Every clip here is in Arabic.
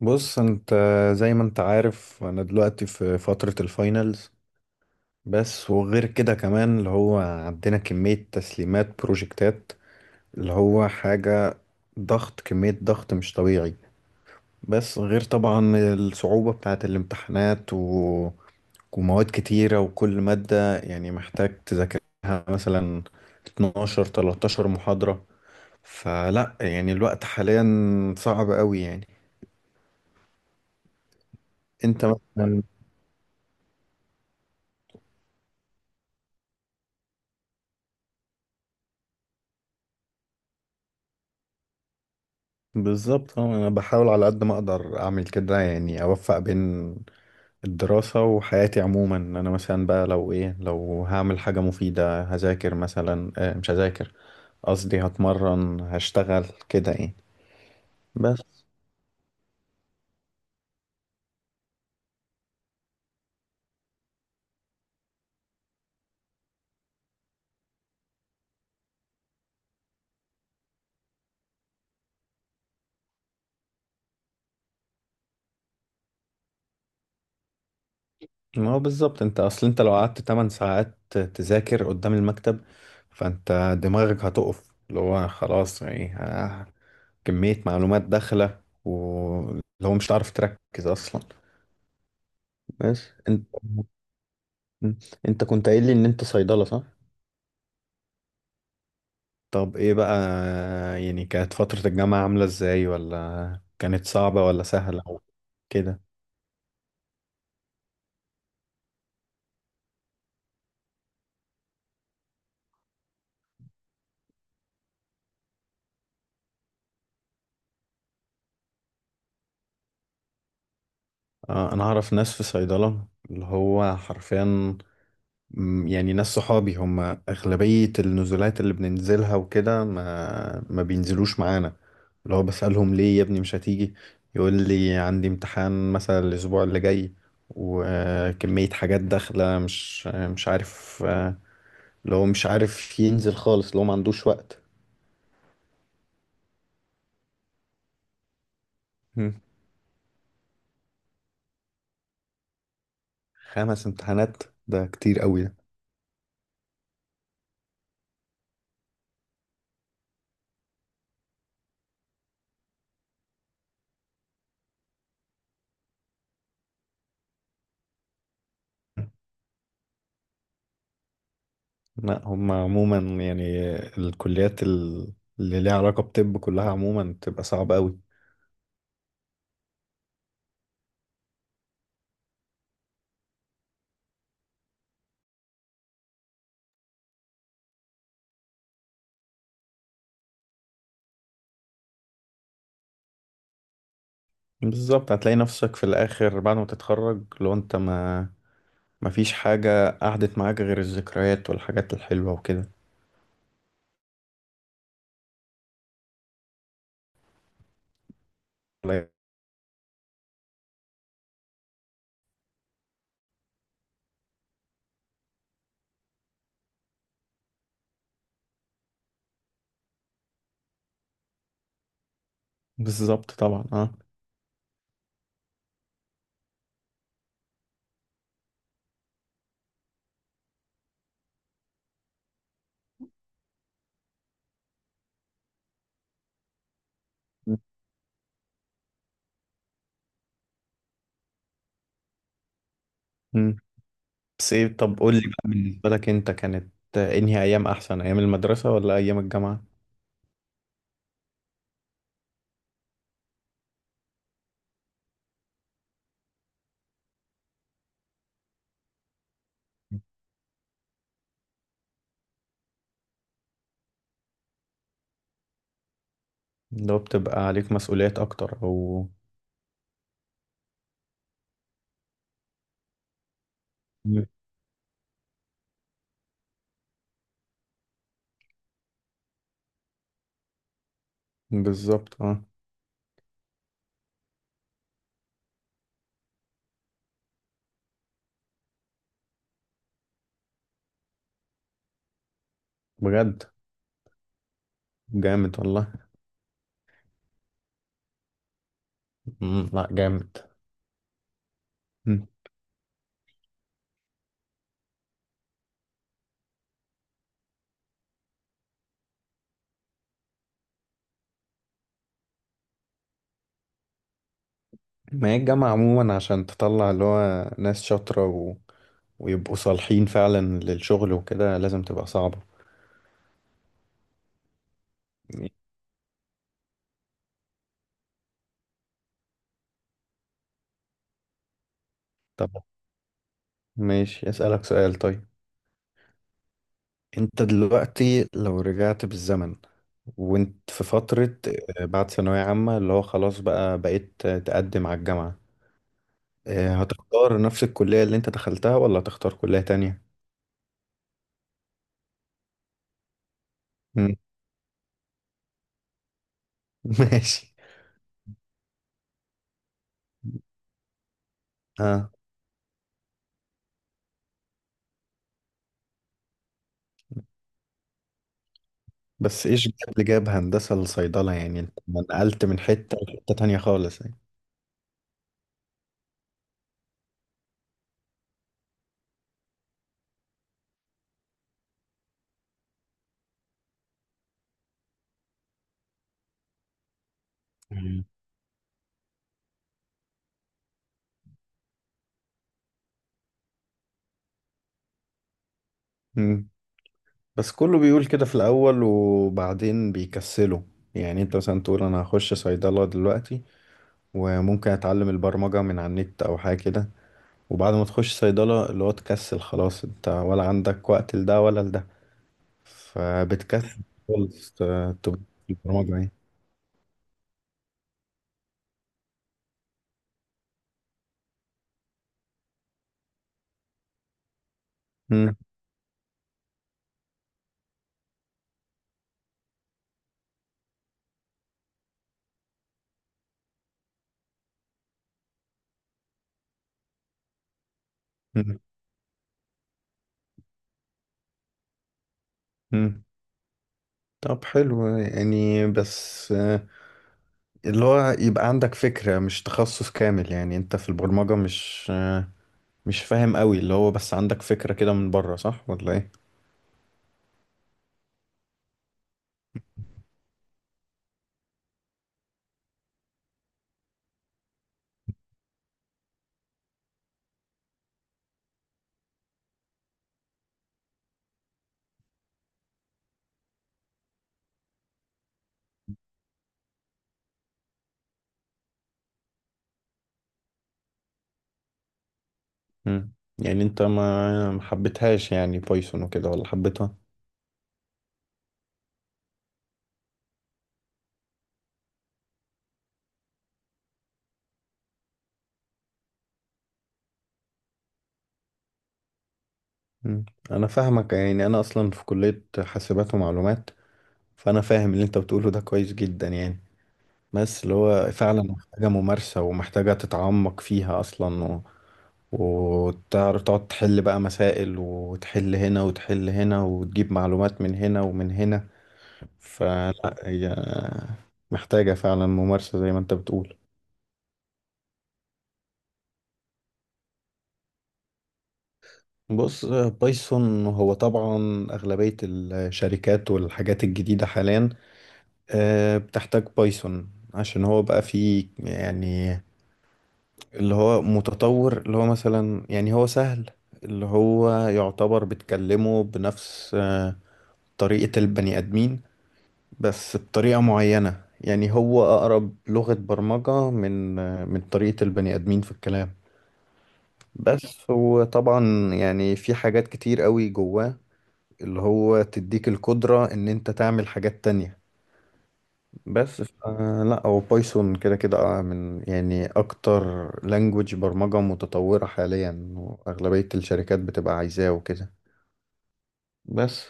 بص انت، زي ما انت عارف انا دلوقتي في فترة الفاينلز. بس وغير كده كمان اللي هو عندنا كمية تسليمات بروجكتات اللي هو حاجة، ضغط، كمية ضغط مش طبيعي. بس غير طبعا الصعوبة بتاعة الامتحانات ومواد كتيرة وكل مادة يعني محتاج تذاكرها، مثلا 12 13 محاضرة. فلا يعني الوقت حاليا صعب قوي يعني. انت مثلا. بالظبط، اه انا بحاول على قد ما اقدر اعمل كده، يعني اوفق بين الدراسة وحياتي عموما. انا مثلا بقى لو ايه، لو هعمل حاجة مفيدة هذاكر، مثلا آه مش هذاكر، قصدي هتمرن، هشتغل كده يعني. بس ما هو بالظبط، انت اصل انت لو قعدت 8 ساعات تذاكر قدام المكتب، فانت دماغك هتقف، اللي هو خلاص يعني كمية معلومات داخلة، واللي هو مش هتعرف تركز اصلا. بس انت. مم. انت كنت قايل لي ان انت صيدلة، صح؟ طب ايه بقى، يعني كانت فترة الجامعة عاملة ازاي، ولا كانت صعبة ولا سهلة، او كده. آه انا اعرف ناس في صيدلة، اللي هو حرفيا مم، يعني ناس صحابي هم اغلبية النزولات اللي بننزلها وكده ما بينزلوش معانا. اللي هو بسألهم، ليه يا ابني مش هتيجي؟ يقول لي عندي امتحان مثلا الاسبوع اللي جاي، وكمية حاجات داخلة مش عارف آه، لو مش عارف ينزل خالص، لو ما عندوش وقت. مم. خمس امتحانات ده كتير قوي ده. لا هم عموما يعني الكليات اللي ليها علاقة بطب كلها عموما بتبقى صعبة قوي. بالظبط، هتلاقي نفسك في الآخر بعد ما تتخرج، لو انت ما فيش حاجة قعدت معاك غير الذكريات والحاجات الحلوة وكده. لا، بالظبط طبعا اه. مم. بس ايه، طب قول لي بقى، بالنسبة لك انت كانت انهي ايام احسن، ايام المدرسة ولا ايام الجامعة؟ لو بتبقى عليك مسؤوليات اكتر او. مم. بالظبط اه. بجد، جامد والله. مم، لا جامد. مم. ما هي الجامعة عموما عشان تطلع اللي هو ناس شاطرة ويبقوا صالحين فعلا للشغل وكده، لازم تبقى صعبة. مم. طب ماشي، أسألك سؤال طيب. انت دلوقتي لو رجعت بالزمن وانت في فترة آه، بعد ثانوية عامة، اللي هو خلاص بقى بقيت تقدم على الجامعة، آه، هتختار نفس الكلية اللي انت دخلتها ولا هتختار كلية تانية؟ مم. ماشي. اه بس ايش جاب اللي جاب هندسة لصيدلة؟ يعني انت ما نقلت من حتة لحتة تانية خالص يعني. مم. مم. بس كله بيقول كده في الأول وبعدين بيكسلوا. يعني انت مثلا تقول انا هخش صيدلة دلوقتي، وممكن اتعلم البرمجة من على النت او حاجة كده، وبعد ما تخش صيدلة اللي هو تكسل خلاص، انت ولا عندك وقت لده ولا لده، فبتكسل خالص تبقى في البرمجة يعني. مم. مم. مم. طب حلو يعني، بس آه، اللي هو يبقى عندك فكرة، مش تخصص كامل. يعني انت في البرمجة مش آه، مش فاهم قوي، اللي هو بس عندك فكرة كده من بره، صح ولا ايه؟ مم. يعني انت ما ما حبيتهاش يعني بايثون وكده، ولا حبيتها؟ مم. انا فاهمك، يعني انا اصلا في كلية حاسبات ومعلومات، فانا فاهم اللي انت بتقوله ده كويس جدا يعني. بس اللي هو فعلا محتاجة ممارسة، ومحتاجة تتعمق فيها اصلا، وتعرف تقعد تحل بقى مسائل، وتحل هنا وتحل هنا، وتجيب معلومات من هنا ومن هنا. فلا هي محتاجة فعلا ممارسة، زي ما انت بتقول. بص، بايثون هو طبعا أغلبية الشركات والحاجات الجديدة حاليا آه، بتحتاج بايثون، عشان هو بقى فيه يعني اللي هو متطور، اللي هو مثلا يعني هو سهل، اللي هو يعتبر بتكلمه بنفس آه، طريقة البني آدمين، بس بطريقة معينة. يعني هو أقرب لغة برمجة من من طريقة البني آدمين في الكلام. بس هو طبعا يعني في حاجات كتير قوي جواه، اللي هو تديك القدرة إن أنت تعمل حاجات تانية. بس لا هو بايثون كده كده آه، من يعني أكتر لانجوج برمجة متطورة حاليا، وأغلبية الشركات بتبقى عايزاه وكده. بس.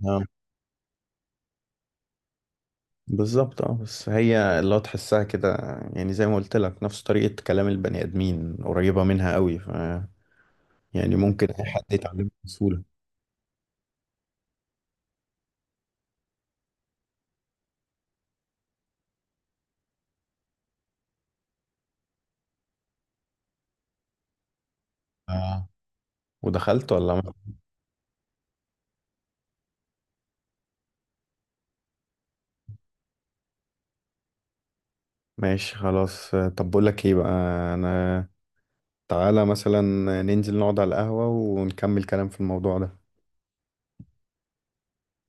نعم. بالظبط اه، بس هي اللي هو تحسها كده، يعني زي ما قلت لك نفس طريقة كلام البني آدمين قريبة منها قوي، ف يعني ممكن أي حد يتعلمها بسهولة. آه. ودخلت ولا ما؟ ماشي خلاص آه، طب بقول لك ايه بقى، انا تعالى مثلا ننزل نقعد على القهوة ونكمل كلام في الموضوع ده.